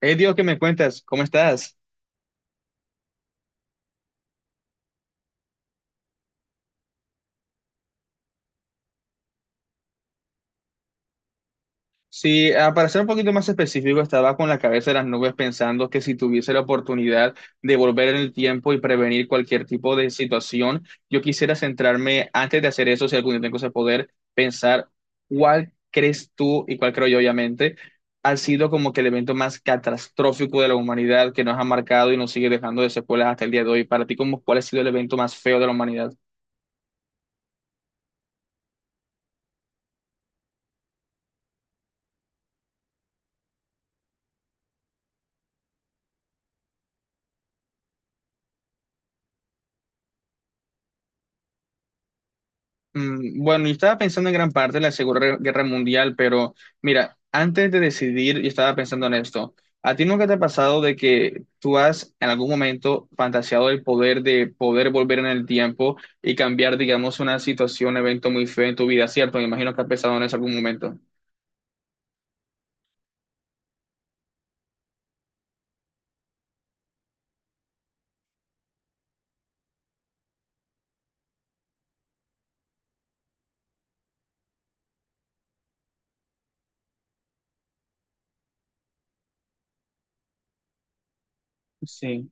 Hey Dios, ¿qué me cuentas? ¿Cómo estás? Sí, para ser un poquito más específico, estaba con la cabeza en las nubes pensando que si tuviese la oportunidad de volver en el tiempo y prevenir cualquier tipo de situación, yo quisiera centrarme, antes de hacer eso, si algún día tengo ese poder, pensar cuál crees tú y cuál creo yo, obviamente, ha sido como que el evento más catastrófico de la humanidad que nos ha marcado y nos sigue dejando de secuelas hasta el día de hoy. Para ti, ¿cómo, cuál ha sido el evento más feo de la humanidad? Mm, bueno, yo estaba pensando en gran parte en la Segunda Guerra Mundial, pero mira, antes de decidir, yo estaba pensando en esto. ¿A ti nunca te ha pasado de que tú has en algún momento fantaseado el poder de poder volver en el tiempo y cambiar, digamos, una situación, evento muy feo en tu vida, cierto? Me imagino que has pensado en eso en algún momento. Sí.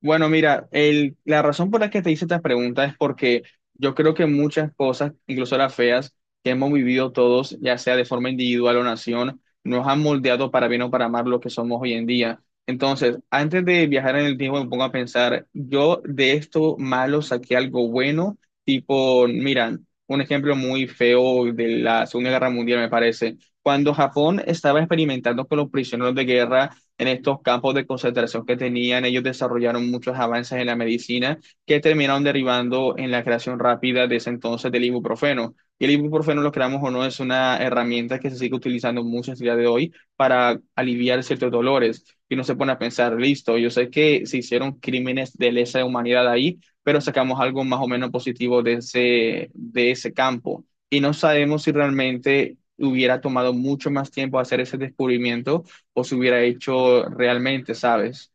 Bueno, mira, la razón por la que te hice estas preguntas es porque yo creo que muchas cosas, incluso las feas, que hemos vivido todos, ya sea de forma individual o nación, nos han moldeado para bien o para mal lo que somos hoy en día. Entonces, antes de viajar en el tiempo, me pongo a pensar, yo de esto malo saqué algo bueno, tipo, mira, un ejemplo muy feo de la Segunda Guerra Mundial, me parece. Cuando Japón estaba experimentando con los prisioneros de guerra, en estos campos de concentración que tenían, ellos desarrollaron muchos avances en la medicina que terminaron derivando en la creación rápida de ese entonces del ibuprofeno. Y el ibuprofeno, lo creamos o no, es una herramienta que se sigue utilizando mucho en el día de hoy para aliviar ciertos dolores. Y uno se pone a pensar, listo, yo sé que se hicieron crímenes de lesa humanidad ahí, pero sacamos algo más o menos positivo de de ese campo. Y no sabemos si realmente hubiera tomado mucho más tiempo hacer ese descubrimiento o se hubiera hecho realmente, ¿sabes?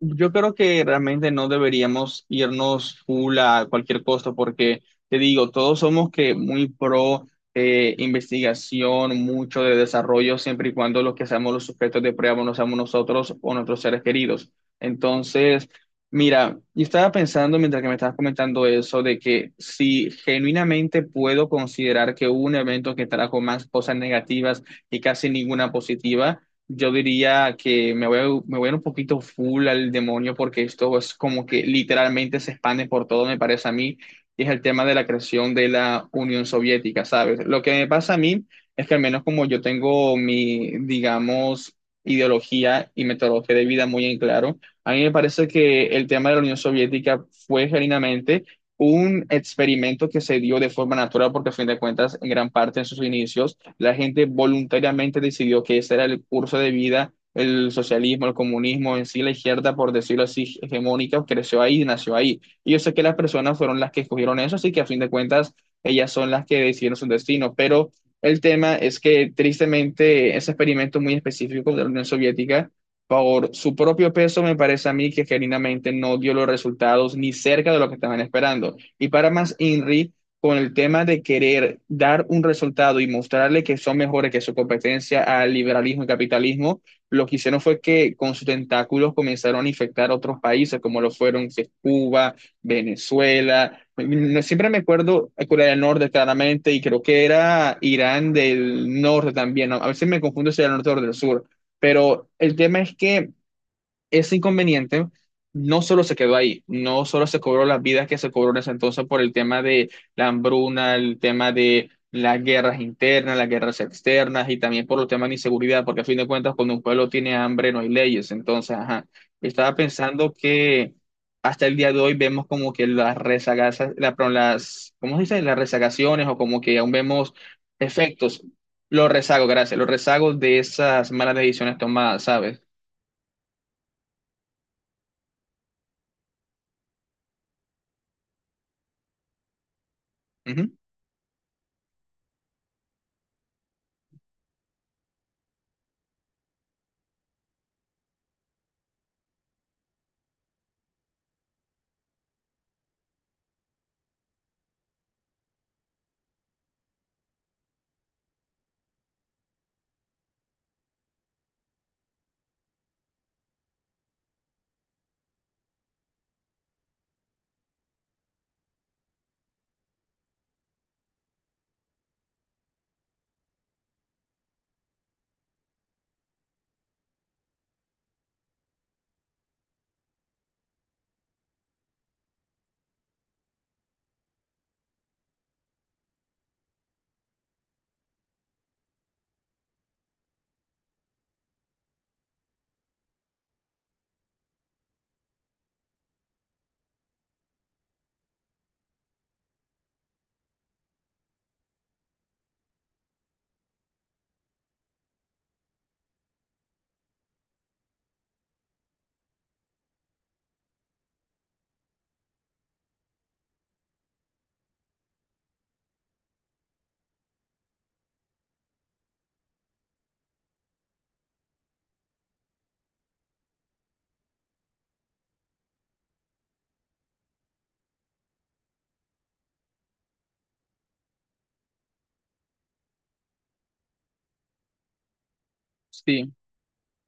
Yo creo que realmente no deberíamos irnos full a cualquier costo porque, te digo, todos somos que muy pro investigación, mucho de desarrollo, siempre y cuando los que seamos los sujetos de prueba no seamos nosotros o nuestros seres queridos. Entonces, mira, yo estaba pensando mientras que me estabas comentando eso, de que si genuinamente puedo considerar que hubo un evento que trajo más cosas negativas y casi ninguna positiva, yo diría que me voy a ir un poquito full al demonio porque esto es como que literalmente se expande por todo, me parece a mí, y es el tema de la creación de la Unión Soviética, ¿sabes? Lo que me pasa a mí es que al menos como yo tengo mi, digamos, ideología y metodología de vida muy en claro, a mí me parece que el tema de la Unión Soviética fue genuinamente un experimento que se dio de forma natural porque a fin de cuentas, en gran parte en sus inicios, la gente voluntariamente decidió que ese era el curso de vida, el socialismo, el comunismo, en sí la izquierda, por decirlo así, hegemónica, creció ahí, nació ahí. Y yo sé que las personas fueron las que escogieron eso, así que a fin de cuentas ellas son las que decidieron su destino. Pero el tema es que tristemente ese experimento muy específico de la Unión Soviética, por su propio peso, me parece a mí que genuinamente no dio los resultados ni cerca de lo que estaban esperando. Y para más INRI, con el tema de querer dar un resultado y mostrarle que son mejores que su competencia al liberalismo y capitalismo, lo que hicieron fue que con sus tentáculos comenzaron a infectar otros países, como lo fueron que es Cuba, Venezuela. Siempre me acuerdo a Corea del Norte claramente y creo que era Irán del Norte también, ¿no? A veces me confundo si era del norte o del sur, pero el tema es que ese inconveniente no solo se quedó ahí, no solo se cobró las vidas que se cobró en ese entonces por el tema de la hambruna, el tema de las guerras internas, las guerras externas y también por los temas de inseguridad, porque a fin de cuentas cuando un pueblo tiene hambre no hay leyes. Entonces, ajá, estaba pensando que hasta el día de hoy vemos como que las rezagas, perdón, las, ¿cómo se dice? Las rezagaciones, o como que aún vemos efectos, los rezagos, gracias, los rezagos de esas malas decisiones tomadas, ¿sabes? Ujú. Sí.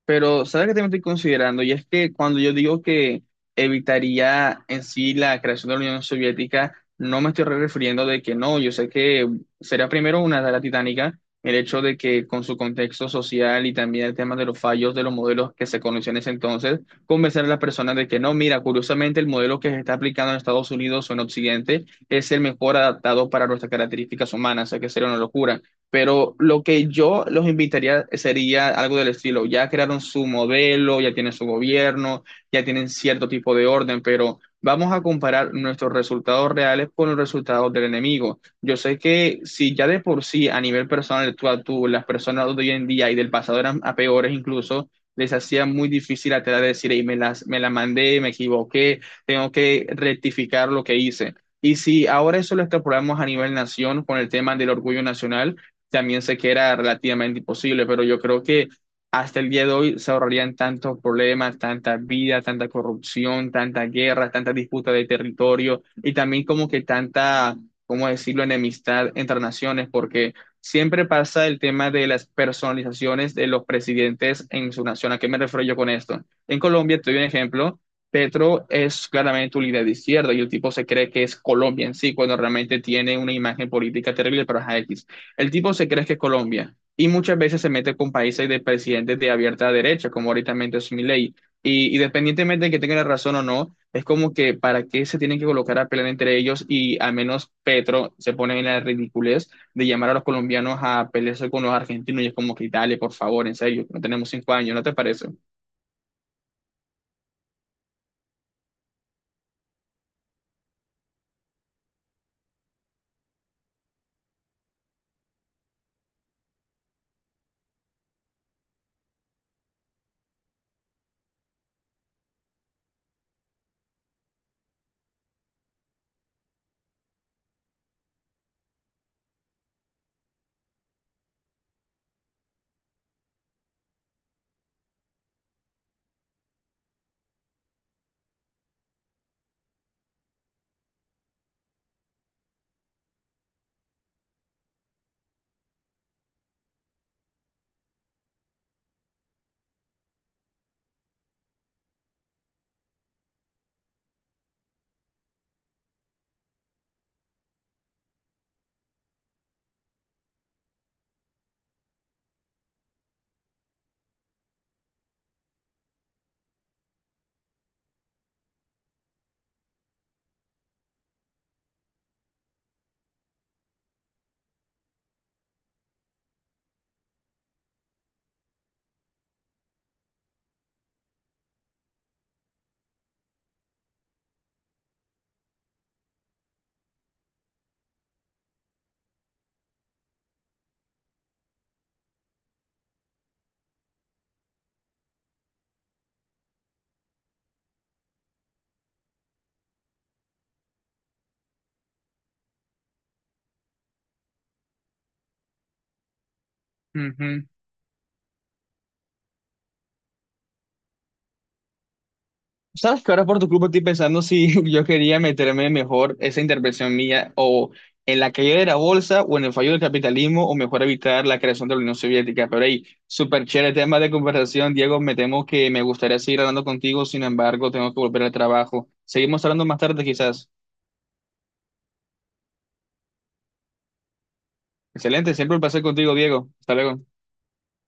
Pero ¿sabes qué también estoy considerando? Y es que cuando yo digo que evitaría en sí la creación de la Unión Soviética, no me estoy refiriendo de que no, yo sé que será primero una tarea titánica el hecho de que con su contexto social y también el tema de los fallos de los modelos que se conocían en ese entonces, convencer a las personas de que no, mira, curiosamente el modelo que se está aplicando en Estados Unidos o en Occidente es el mejor adaptado para nuestras características humanas, o sea que sería una locura. Pero lo que yo los invitaría sería algo del estilo, ya crearon su modelo, ya tienen su gobierno, ya tienen cierto tipo de orden, pero vamos a comparar nuestros resultados reales con los resultados del enemigo. Yo sé que si ya de por sí a nivel personal tú a tú, las personas de hoy en día y del pasado eran a peores incluso, les hacía muy difícil a tela de decir: "Ey, me la mandé, me equivoqué, tengo que rectificar lo que hice". Y si ahora eso lo extrapolamos a nivel nación con el tema del orgullo nacional, también sé que era relativamente imposible, pero yo creo que hasta el día de hoy se ahorrarían tantos problemas, tanta vida, tanta corrupción, tanta guerra, tanta disputa de territorio y también como que tanta, ¿cómo decirlo?, enemistad entre naciones, porque siempre pasa el tema de las personalizaciones de los presidentes en su nación. ¿A qué me refiero yo con esto? En Colombia, te doy un ejemplo. Petro es claramente un líder de izquierda y el tipo se cree que es Colombia en sí, cuando realmente tiene una imagen política terrible, pero es X. El tipo se cree que es Colombia y muchas veces se mete con países de presidentes de abierta derecha, como ahorita es Milei. Y independientemente de que tenga la razón o no, es como que para qué se tienen que colocar a pelear entre ellos y al menos Petro se pone en la ridiculez de llamar a los colombianos a pelearse con los argentinos y es como que dale, por favor, en serio, no tenemos 5 años, ¿no te parece? Ujú. Sabes que ahora por tu club estoy pensando si yo quería meterme mejor esa intervención mía o en la caída de la bolsa o en el fallo del capitalismo o mejor evitar la creación de la Unión Soviética. Pero hey, súper chévere tema de conversación, Diego. Me temo que me gustaría seguir hablando contigo; sin embargo, tengo que volver al trabajo. Seguimos hablando más tarde quizás. Excelente, siempre un placer contigo, Diego. Hasta luego.